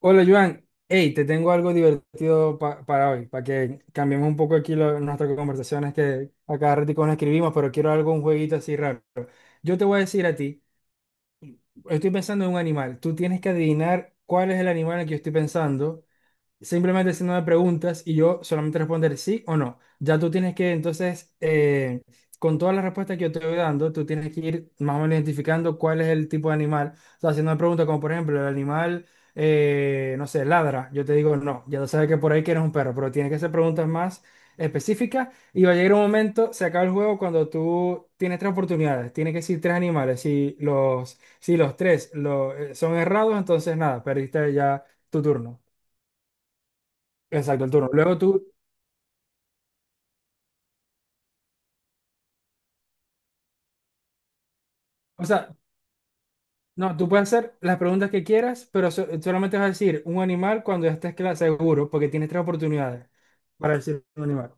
Hola Joan, hey, te tengo algo divertido para hoy, para que cambiemos un poco aquí nuestras conversaciones que a cada ratico nos escribimos, pero quiero algo, un jueguito así raro. Yo te voy a decir a ti, estoy pensando en un animal, tú tienes que adivinar cuál es el animal en el que yo estoy pensando simplemente haciéndome preguntas y yo solamente responder sí o no. Ya tú tienes que, entonces, con todas las respuestas que yo te voy dando, tú tienes que ir más o menos identificando cuál es el tipo de animal. O sea, haciendo una pregunta como, por ejemplo, el animal, no sé, ladra. Yo te digo no, ya tú sabes que por ahí que eres un perro, pero tienes que hacer preguntas más específicas y va a llegar un momento, se acaba el juego cuando tú tienes tres oportunidades, tienes que decir tres animales. Si los tres son errados, entonces nada, perdiste ya tu turno. Exacto, el turno. Luego tú, o sea, no, tú puedes hacer las preguntas que quieras, pero solamente vas a decir un animal cuando ya estés seguro, porque tienes tres oportunidades para decir un animal.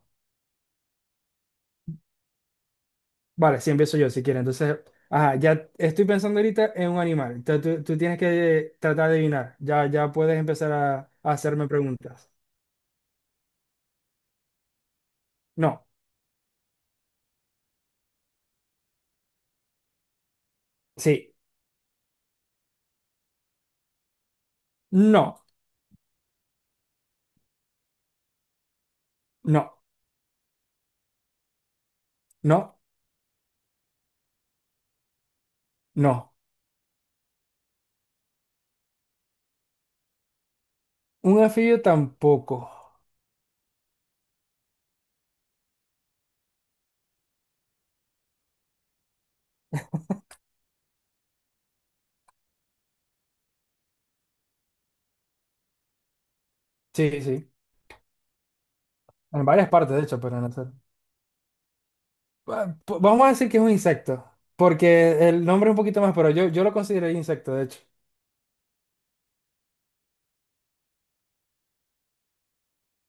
Vale, sí, empiezo yo si quieres. Entonces, ajá, ya estoy pensando ahorita en un animal. Entonces, tú tienes que tratar de adivinar. Ya puedes empezar a hacerme preguntas. No, sí, no, no, no, no. Un anfibio tampoco. Sí, sí. En varias partes, de hecho, pero no sé. Vamos a decir que es un insecto, porque el nombre es un poquito más, pero yo lo considero insecto, de hecho.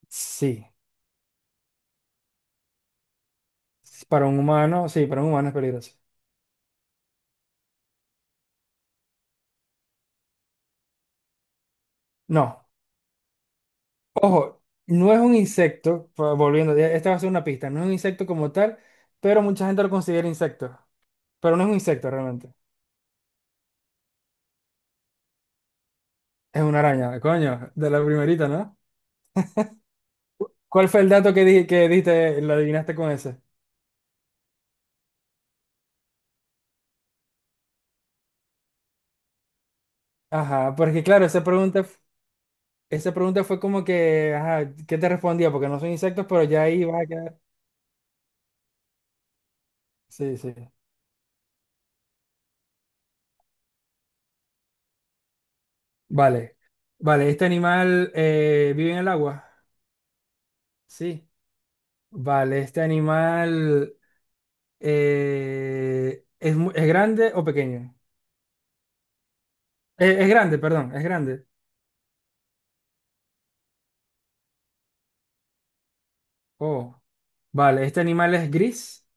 Sí, para un humano, sí, para un humano es peligroso. No, ojo, no es un insecto, volviendo, esta va a ser una pista, no es un insecto como tal, pero mucha gente lo considera insecto, pero no es un insecto realmente, es una araña, coño, de la primerita, ¿no? ¿Cuál fue el dato que, di que diste, lo adivinaste con ese? Ajá, porque claro, esa pregunta fue como que, ajá, ¿qué te respondía? Porque no son insectos, pero ya ahí va a quedar. Sí, sí. Vale. Vale, ¿este animal vive en el agua? Sí. Vale, ¿este animal es grande o pequeño? Es grande, perdón, es grande. Oh, vale, ¿este animal es gris?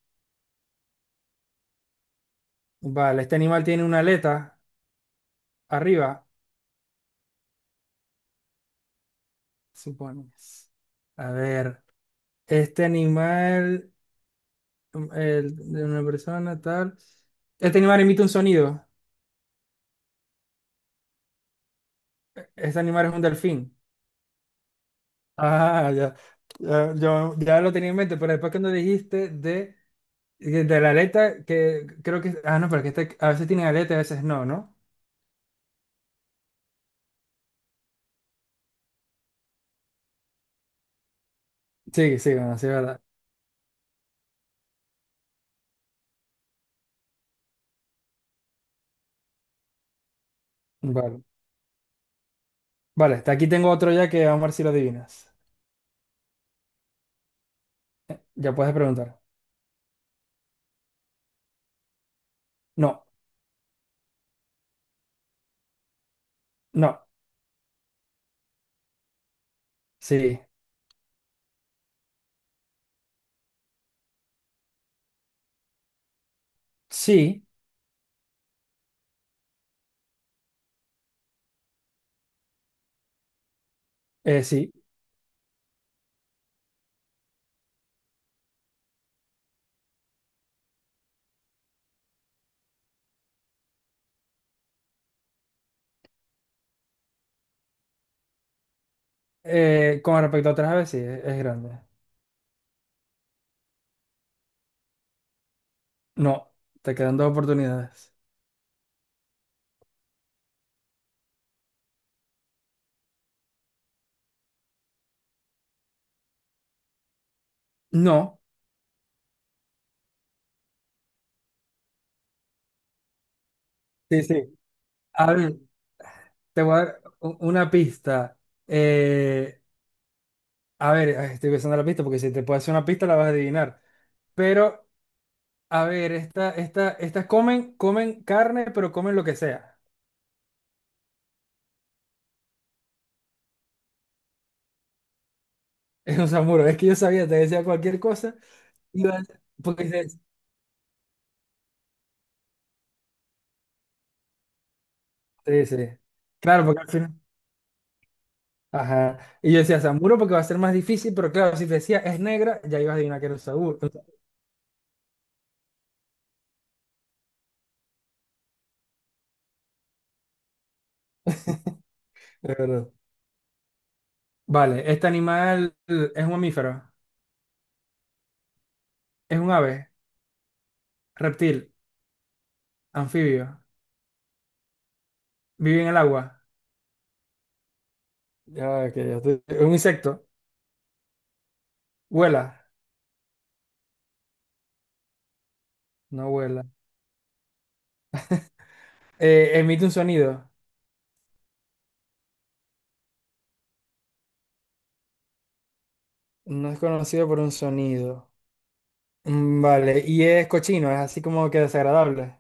Vale, ¿este animal tiene una aleta arriba? Supones. A ver, ¿este animal de una persona tal? ¿Este animal emite un sonido? ¿Este animal es un delfín? Ah, ya. Ya, yo ya lo tenía en mente, pero después cuando dijiste de, la aleta, que creo que... Ah, no, pero que este, a veces tienen aleta y a veces no, ¿no? Sí, sí, bueno, sí, es verdad. Vale. Vale, hasta aquí tengo otro ya que vamos a ver si lo adivinas. Ya puedes preguntar. No, no, sí, sí, sí. Con respecto a otras aves, sí, es grande. No, te quedan dos oportunidades. No, sí, sí. A ver, te voy a dar una pista. Eh, A ver, ay, estoy pensando la pista porque si te puedo hacer una pista la vas a adivinar. Pero, a ver, estas comen carne, pero comen lo que sea. Es un samuro. Es que yo sabía, te decía cualquier cosa. Y iba a- Porque dices, sí, sí. Claro, porque al final. Ajá. Y yo decía samuro porque va a ser más difícil, pero claro, si te decía es negra, ya ibas a adivinar que era un samuro. De verdad. Vale, este animal es un mamífero, es un ave, reptil, anfibio, vive en el agua. Es un insecto, vuela. No vuela. Emite un sonido. No es conocido por un sonido. Vale, y es cochino, es así como que desagradable.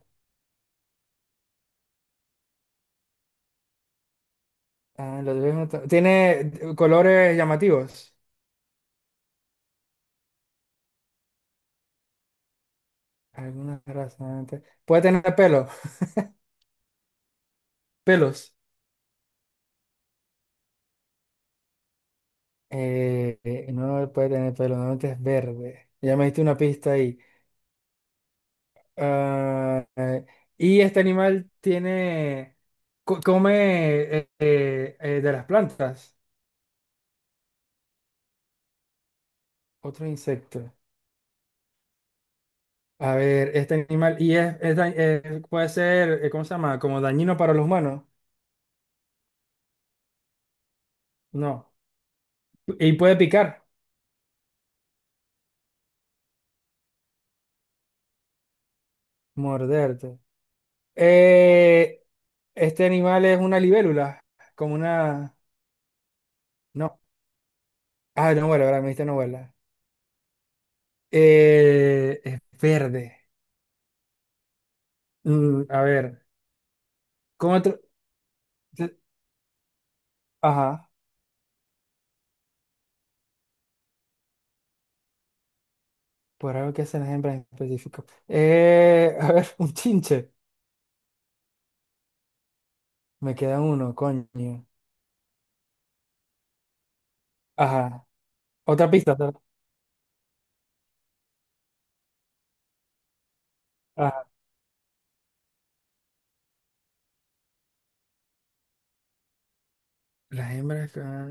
Ah, lo debes notar. Tiene colores llamativos. Algunas razas. Puede tener pelo. Pelos. No puede tener pelo, normalmente es verde. Ya me diste una pista ahí. Ah, y este animal come de las plantas, otro insecto. A ver, este animal, y puede ser, ¿cómo se llama? Como dañino para los humanos. No. Y puede picar, morderte. Eh, este animal es una libélula, como una... No. Ah, no vuela, ¿verdad? Me dijiste no vuela. Es verde. A ver, ¿cómo otro? te- Ajá, por algo que hacen las hembras en específico. A ver, un chinche. Me queda uno, coño. Ajá. Otra pista, Ajá. Las hembras.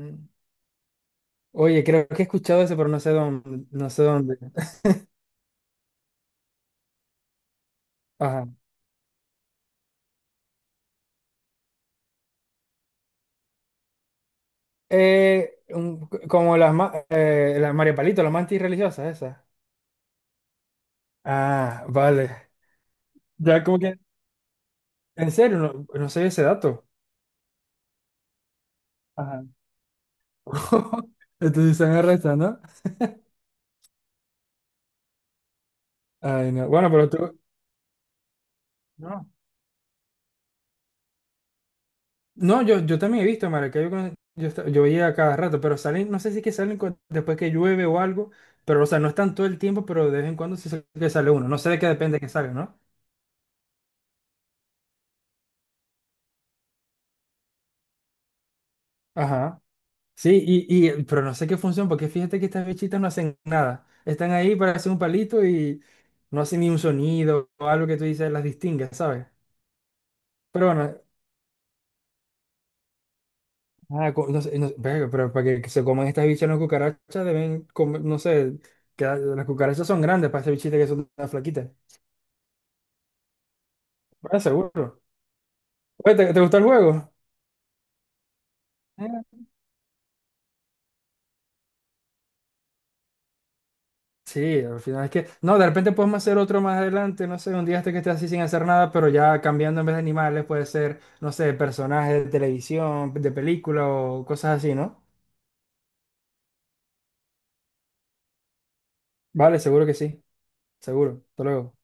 Oye, creo que he escuchado eso, pero no sé dónde, no sé dónde. Ajá. Como las, las María Palito, las mantis religiosas, esas. Ah, vale. Ya como que, en serio, no, no sé ese dato. Ajá. Entonces se arrestan, ¿no? Ay, no. Bueno, pero tú... No, no yo, también he visto, Maracaibo, yo veía a cada rato, pero salen, no sé si es que salen después que llueve o algo, pero, o sea, no están todo el tiempo, pero de vez en cuando sí sé que sale uno. No sé de qué depende que salga, ¿no? Ajá. Sí, y, pero no sé qué función, porque fíjate que estas bichitas no hacen nada. Están ahí para hacer un palito y no hacen ni un sonido o algo que tú dices las distingas, ¿sabes? Pero bueno, no sé, verga, pero para que se coman estas bichas las cucarachas deben comer, no sé, que las cucarachas son grandes para estas bichitas que son tan flaquitas. Bueno, seguro. Oye, ¿te gustó el juego? Sí, al final es que, no, de repente podemos hacer otro más adelante, no sé, un día este que esté así sin hacer nada, pero ya cambiando en vez de animales puede ser, no sé, personajes de televisión, de película o cosas así, ¿no? Vale, seguro que sí, seguro. Hasta luego.